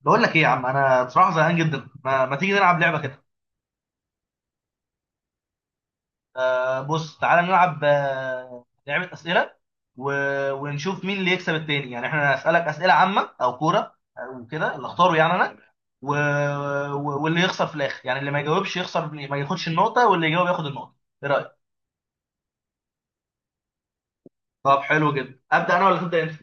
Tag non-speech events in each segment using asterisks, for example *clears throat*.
بقول لك ايه يا عم، انا بصراحه زهقان جدا. ما تيجي نلعب لعبه كده؟ آه، بص تعالى نلعب لعبه اسئله و... ونشوف مين اللي يكسب التاني. يعني احنا هسالك اسئله عامه او كوره او كده، اللي اختاره يعني انا. و... واللي يخسر في الاخر، يعني اللي ما يجاوبش يخسر ما ياخدش النقطه، واللي يجاوب ياخد النقطه. ايه رايك؟ طب حلو جدا، ابدا انا ولا تبدا انت؟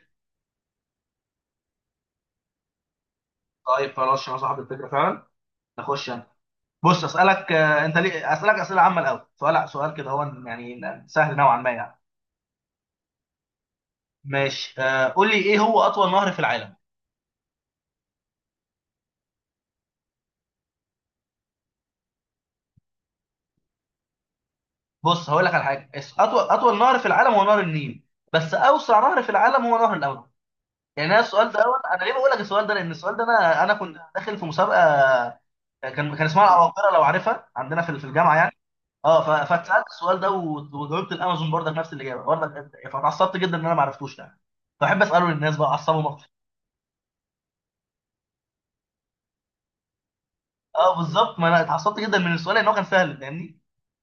طيب خلاص، عشان انا صاحب الفكره فعلا. نخش انا. بص اسالك انت ليه. اسالك اسئله عامه الاول، سؤال سؤال كده، هو يعني سهل نوعا ما يعني. ماشي، قول لي ايه هو اطول نهر في العالم؟ بص هقول لك على حاجه، اطول نهر في العالم هو نهر النيل، بس اوسع نهر في العالم هو نهر الامازون. يعني انا السؤال ده، أول انا ليه بقول لك السؤال ده؟ لان السؤال ده، انا كنت داخل في مسابقه كان اسمها العباقره لو عارفها، عندنا في الجامعه يعني. فاتسالت السؤال ده وجاوبت الامازون برضك، نفس الاجابه برضك، فاتعصبت جدا ان انا ما عرفتوش يعني. فبحب اساله للناس بقى، اعصبهم اكتر. اه، بالظبط، ما انا اتعصبت جدا من السؤال لان هو كان سهل فاهمني.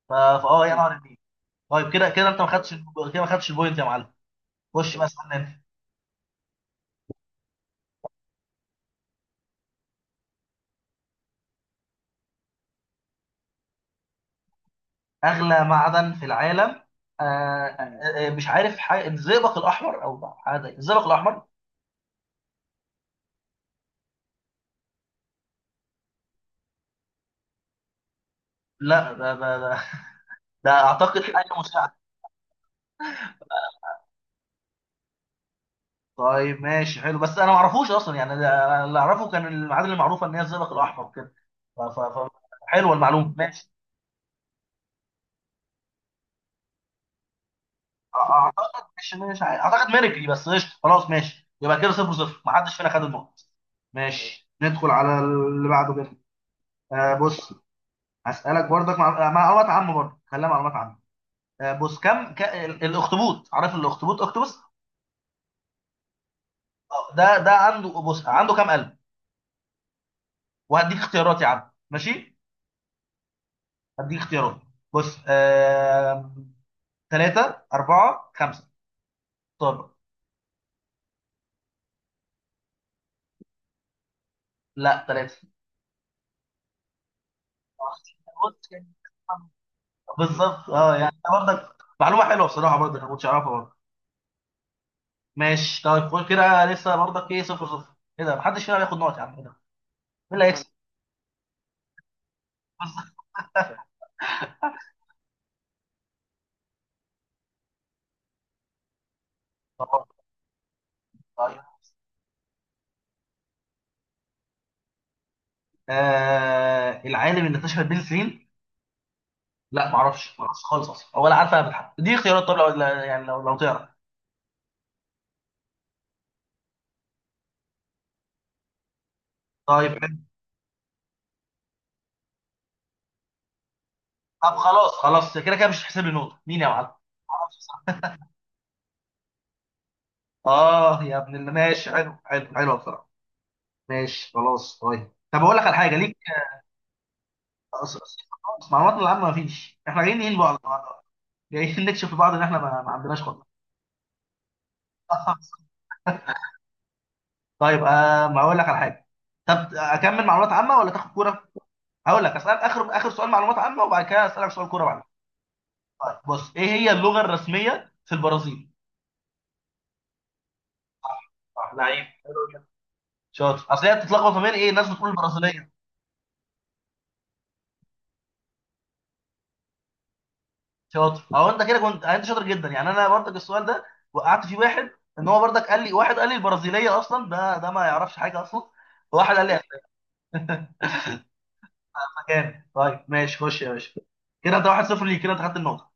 فاه يا نهر النيل. طيب كده كده انت ما خدتش، كده ما خدتش البوينت يا معلم. خش بقى اسالني انت. اغلى معدن في العالم؟ مش عارف، حاجه الزئبق الاحمر او الزئبق الاحمر. لا، ده اعتقد حاجه مساعده. طيب ماشي حلو، بس انا ما اعرفوش اصلا يعني. أنا اللي اعرفه كان المعادن المعروفه ان هي الزئبق الاحمر كده. ف- ف- ف- حلوه المعلومه، ماشي. اعتقد مش عارف. اعتقد ميركلي. بس قشطه، خلاص، ماشي، يبقى كده 0-0، ما حدش فينا خد النقط. ماشي ندخل على اللي بعده كده. بص، هسألك برضك مع معلومات عامة برضه، خليها معلومات عامة. بص، الأخطبوط، عارف الأخطبوط، أكتوبس؟ ده عنده، عنده كام قلب؟ وهديك اختيارات يا عم، ماشي؟ هديك اختيارات. بص ثلاثة أربعة خمسة. طب. لا، ثلاثة. بالظبط، اه، يعني ده برضك معلومة حلوة بصراحة، برضك ما كنتش أعرفها برضه. ماشي طيب، خد كده لسه برضك إيه، 0-0 كده، محدش فينا بياخد نقط يا عم كده. مين اللي هيكسب؟ طب. طيب. العالم اللي اكتشف البنسلين؟ لا معرفش، معرفش خالص اصلا ولا عارف انا. بتحب دي اختيارات؟ طب لو يعني، لو تعرف. طيب حلو. طب خلاص خلاص كده كده، مش هتحسب لي نقطه مين يا معلم؟ معرفش. صح؟ اه يا ابن اللي، ماشي حلو حلو حلو بصراحه. ماشي خلاص، طيب، طب اقول لك على حاجه ليك. أص- أص- خلاص، معلوماتنا العامه ما فيش، احنا جايين ايه لبعض النهارده؟ جايين *laughs* نكشف لبعض ان احنا ما عندناش خالص. *laughs* طيب، ما اقول لك على حاجه. طب اكمل معلومات عامه ولا تاخد كوره؟ هقول لك، اسال اخر اخر سؤال معلومات عامه، وبعد كده اسالك سؤال كوره بعد. بص، ايه هي اللغه الرسميه في البرازيل؟ صح لعيب، حلو جدا. شاطر. اصل هي بتتلخبط، ما بين ايه، الناس بتقول البرازيليه. شاطر اهو، انت كده كنت يعني، انت شاطر جدا يعني. انا برضك السؤال ده وقعت فيه. واحد، ان هو برضك قال لي، واحد قال لي البرازيليه اصلا. ده ما يعرفش حاجه اصلا. واحد قال لي احنا كام. طيب ماشي، خش يا باشا، كده انت 1-0 ليك، كده انت خدت النقطه.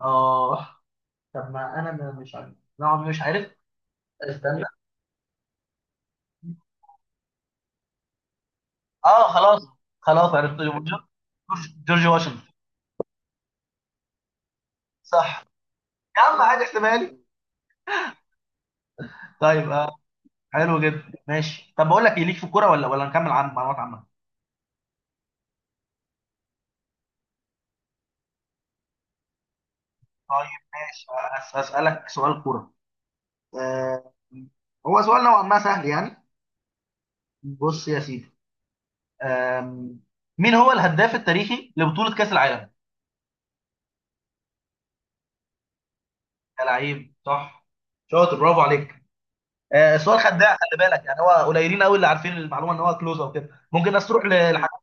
اه، طب ما انا مش عارف، نعم، مش عارف. استنى. اه، خلاص، خلاص عرفت، جورج، جورج واشنطن. صح. يا عم عادي احسبها لي. طيب، حلو جدا، ماشي. طب بقول لك ايه، ليك في الكوره ولا نكمل عن معلومات عامه؟ طيب، ماشي. هسألك سؤال كوره. آه هو سؤال نوعا ما سهل يعني. بص يا سيدي، آم، مين هو الهداف التاريخي لبطوله كاس العالم؟ يا لعيب صح، شاطر، برافو عليك. السؤال خداع، خلي بالك يعني. هو قليلين قوي اللي عارفين المعلومه ان هو كلوز او كده. ممكن الناس تروح لحاجات.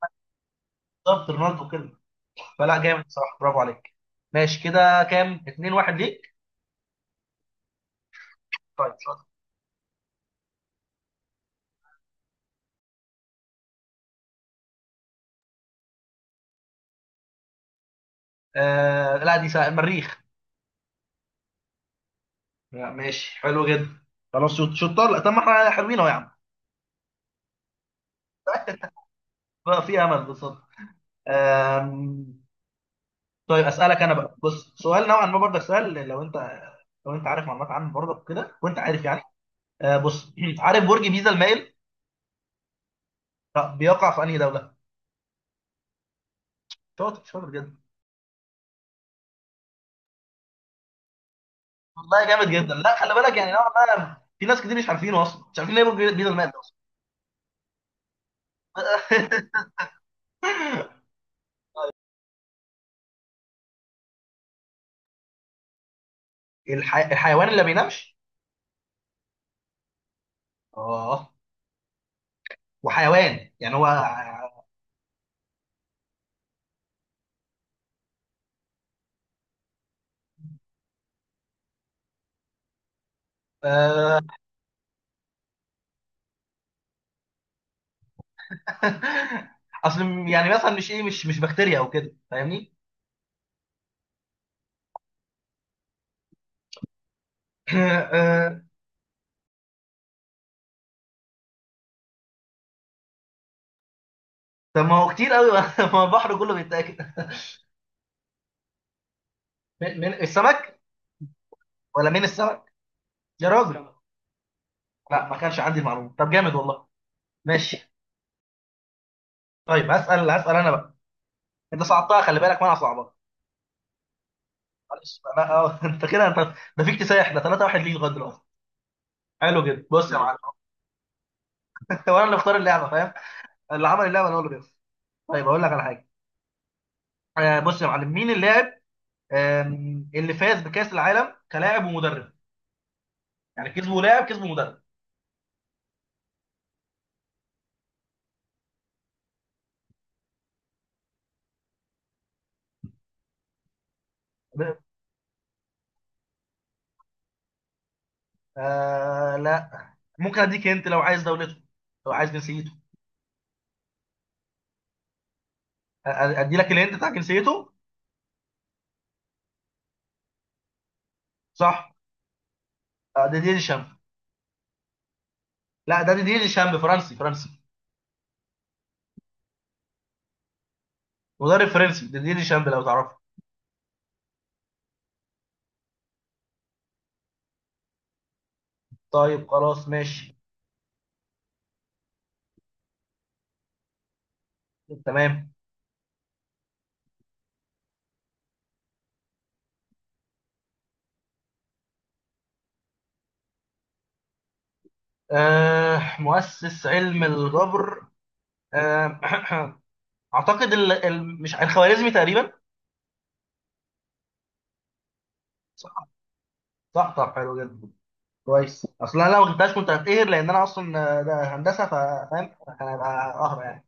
بالظبط، رونالدو وكده. فلا جامد، صح، برافو عليك. ماشي كده كام، 2-1 ليك. طيب شاطر. آه لا، دي سهل، المريخ. لا ماشي حلو جدا. خلاص شطار. لا، طب ما احنا حلوين اهو يا عم. بقى في امل بالظبط. آم، طيب اسالك انا بقى. بص، سؤال نوعا ما برضك، سؤال لو انت، لو انت عارف معلومات عنه برضك كده، وانت عارف يعني. بص *clears throat* عارف برج بيزا المايل؟ لا، بيقع في انهي دوله؟ شاطر، شاطر جدا. والله جامد جدا. لا، خلي بالك يعني، نوعا ما في ناس كتير مش عارفينه اصلا، مش عارفين ايه برج بيزا المايل ده اصلا. *laughs* الحيوان اللي بينامش. اه، وحيوان يعني هو. آه *laughs* اصل يعني مثلا مش، ايه مش مش بكتيريا او كده، فاهمني. *laughs* آه، طب ما هو كتير قوي *laughs* ما هو البحر كله بيتاكل. من السمك، ولا من السمك. يا راجل. لا ما كانش عندي المعلومه، طب جامد والله. ماشي. طيب هسال انا بقى. انت صعبتها خلي بالك، وانا صعبها. معلش بقى، لا، اه *laughs* انت كده، انت في اكتساح، ده 3-1 ليك لغايه دلوقتي. حلو جدا، بص يا معلم. *laughs* انت وانا اللي اختار اللعبه فاهم. اللي عمل اللعبه انا، هو اللي بيخسر. طيب اقول لك على حاجه. بص يا معلم، مين اللاعب اللي فاز بكاس العالم كلاعب ومدرب؟ يعني كسبوا لاعب كسبوا مدرب. آه لا، ممكن اديك انت لو عايز دولته، لو عايز جنسيته. ادي لك الهنت بتاع جنسيته. صح. ديدييه ديشامب. لا، ده ديدييه ديشامب، فرنسي فرنسي. مدرب فرنسي ديدييه ديشامب، لو تعرفه. طيب خلاص ماشي. تمام. مؤسس علم الجبر. آه *clears throat* اعتقد مش الخوارزمي تقريبا. صح. صح، طب حلو جدا. كويس، اصل انا لو ما جبتهاش كنت هتقهر، لان انا اصلا ده هندسه فاهم. هبقى اهرب يعني.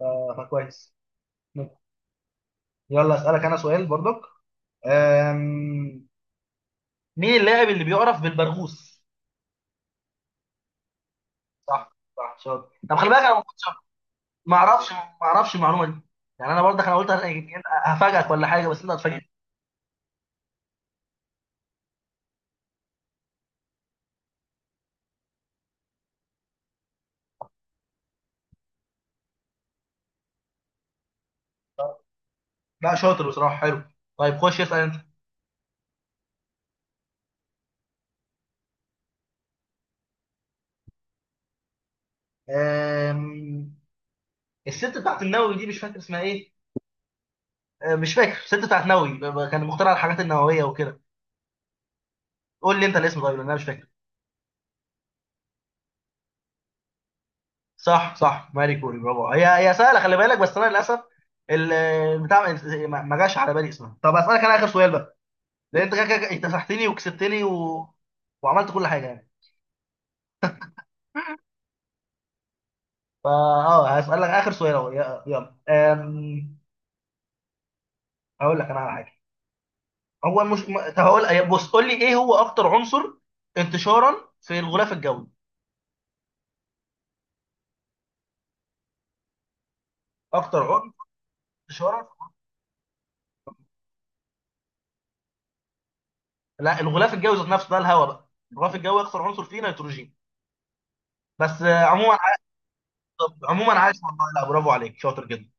فكويس. يلا اسالك انا سؤال برضك. آم، مين اللاعب اللي بيعرف بالبرغوث؟ صح صح، شاطر. طب خلي بالك، انا ما كنتش، ما اعرفش المعلومه دي. يعني انا برضك، انا قلت هفاجئك ولا حاجه، بس انت هتفاجئني. لا شاطر، بصراحه حلو. طيب خش اسال انت. آم، الست بتاعت النووي دي مش فاكر اسمها ايه. مش فاكر، الست بتاعت نووي، كان مخترع الحاجات النوويه وكده. قول لي انت الاسم طيب، لان انا مش فاكر. صح صح، ماري كوري، برافو. هي هي سهله، خلي بالك، بس انا للاسف. بتاع، ما جاش على بالي اسمها. طب اسالك انا اخر سؤال بقى، لان انت كده كده اكتسحتني وكسبتني وعملت كل حاجه يعني. فا هسالك اخر سؤال اهو، يلا هقول لك انا على حاجه. هو مش م- طب هقول بص قول لي، ايه هو اكتر عنصر انتشارا في الغلاف الجوي. اكتر عنصر انتشارا. لا، الغلاف الجوي ذات نفسه ده الهواء بقى. الغلاف الجوي اكتر عنصر فيه نيتروجين. بس عموما عموما عايش والله. لا، برافو عليك، شاطر جدا.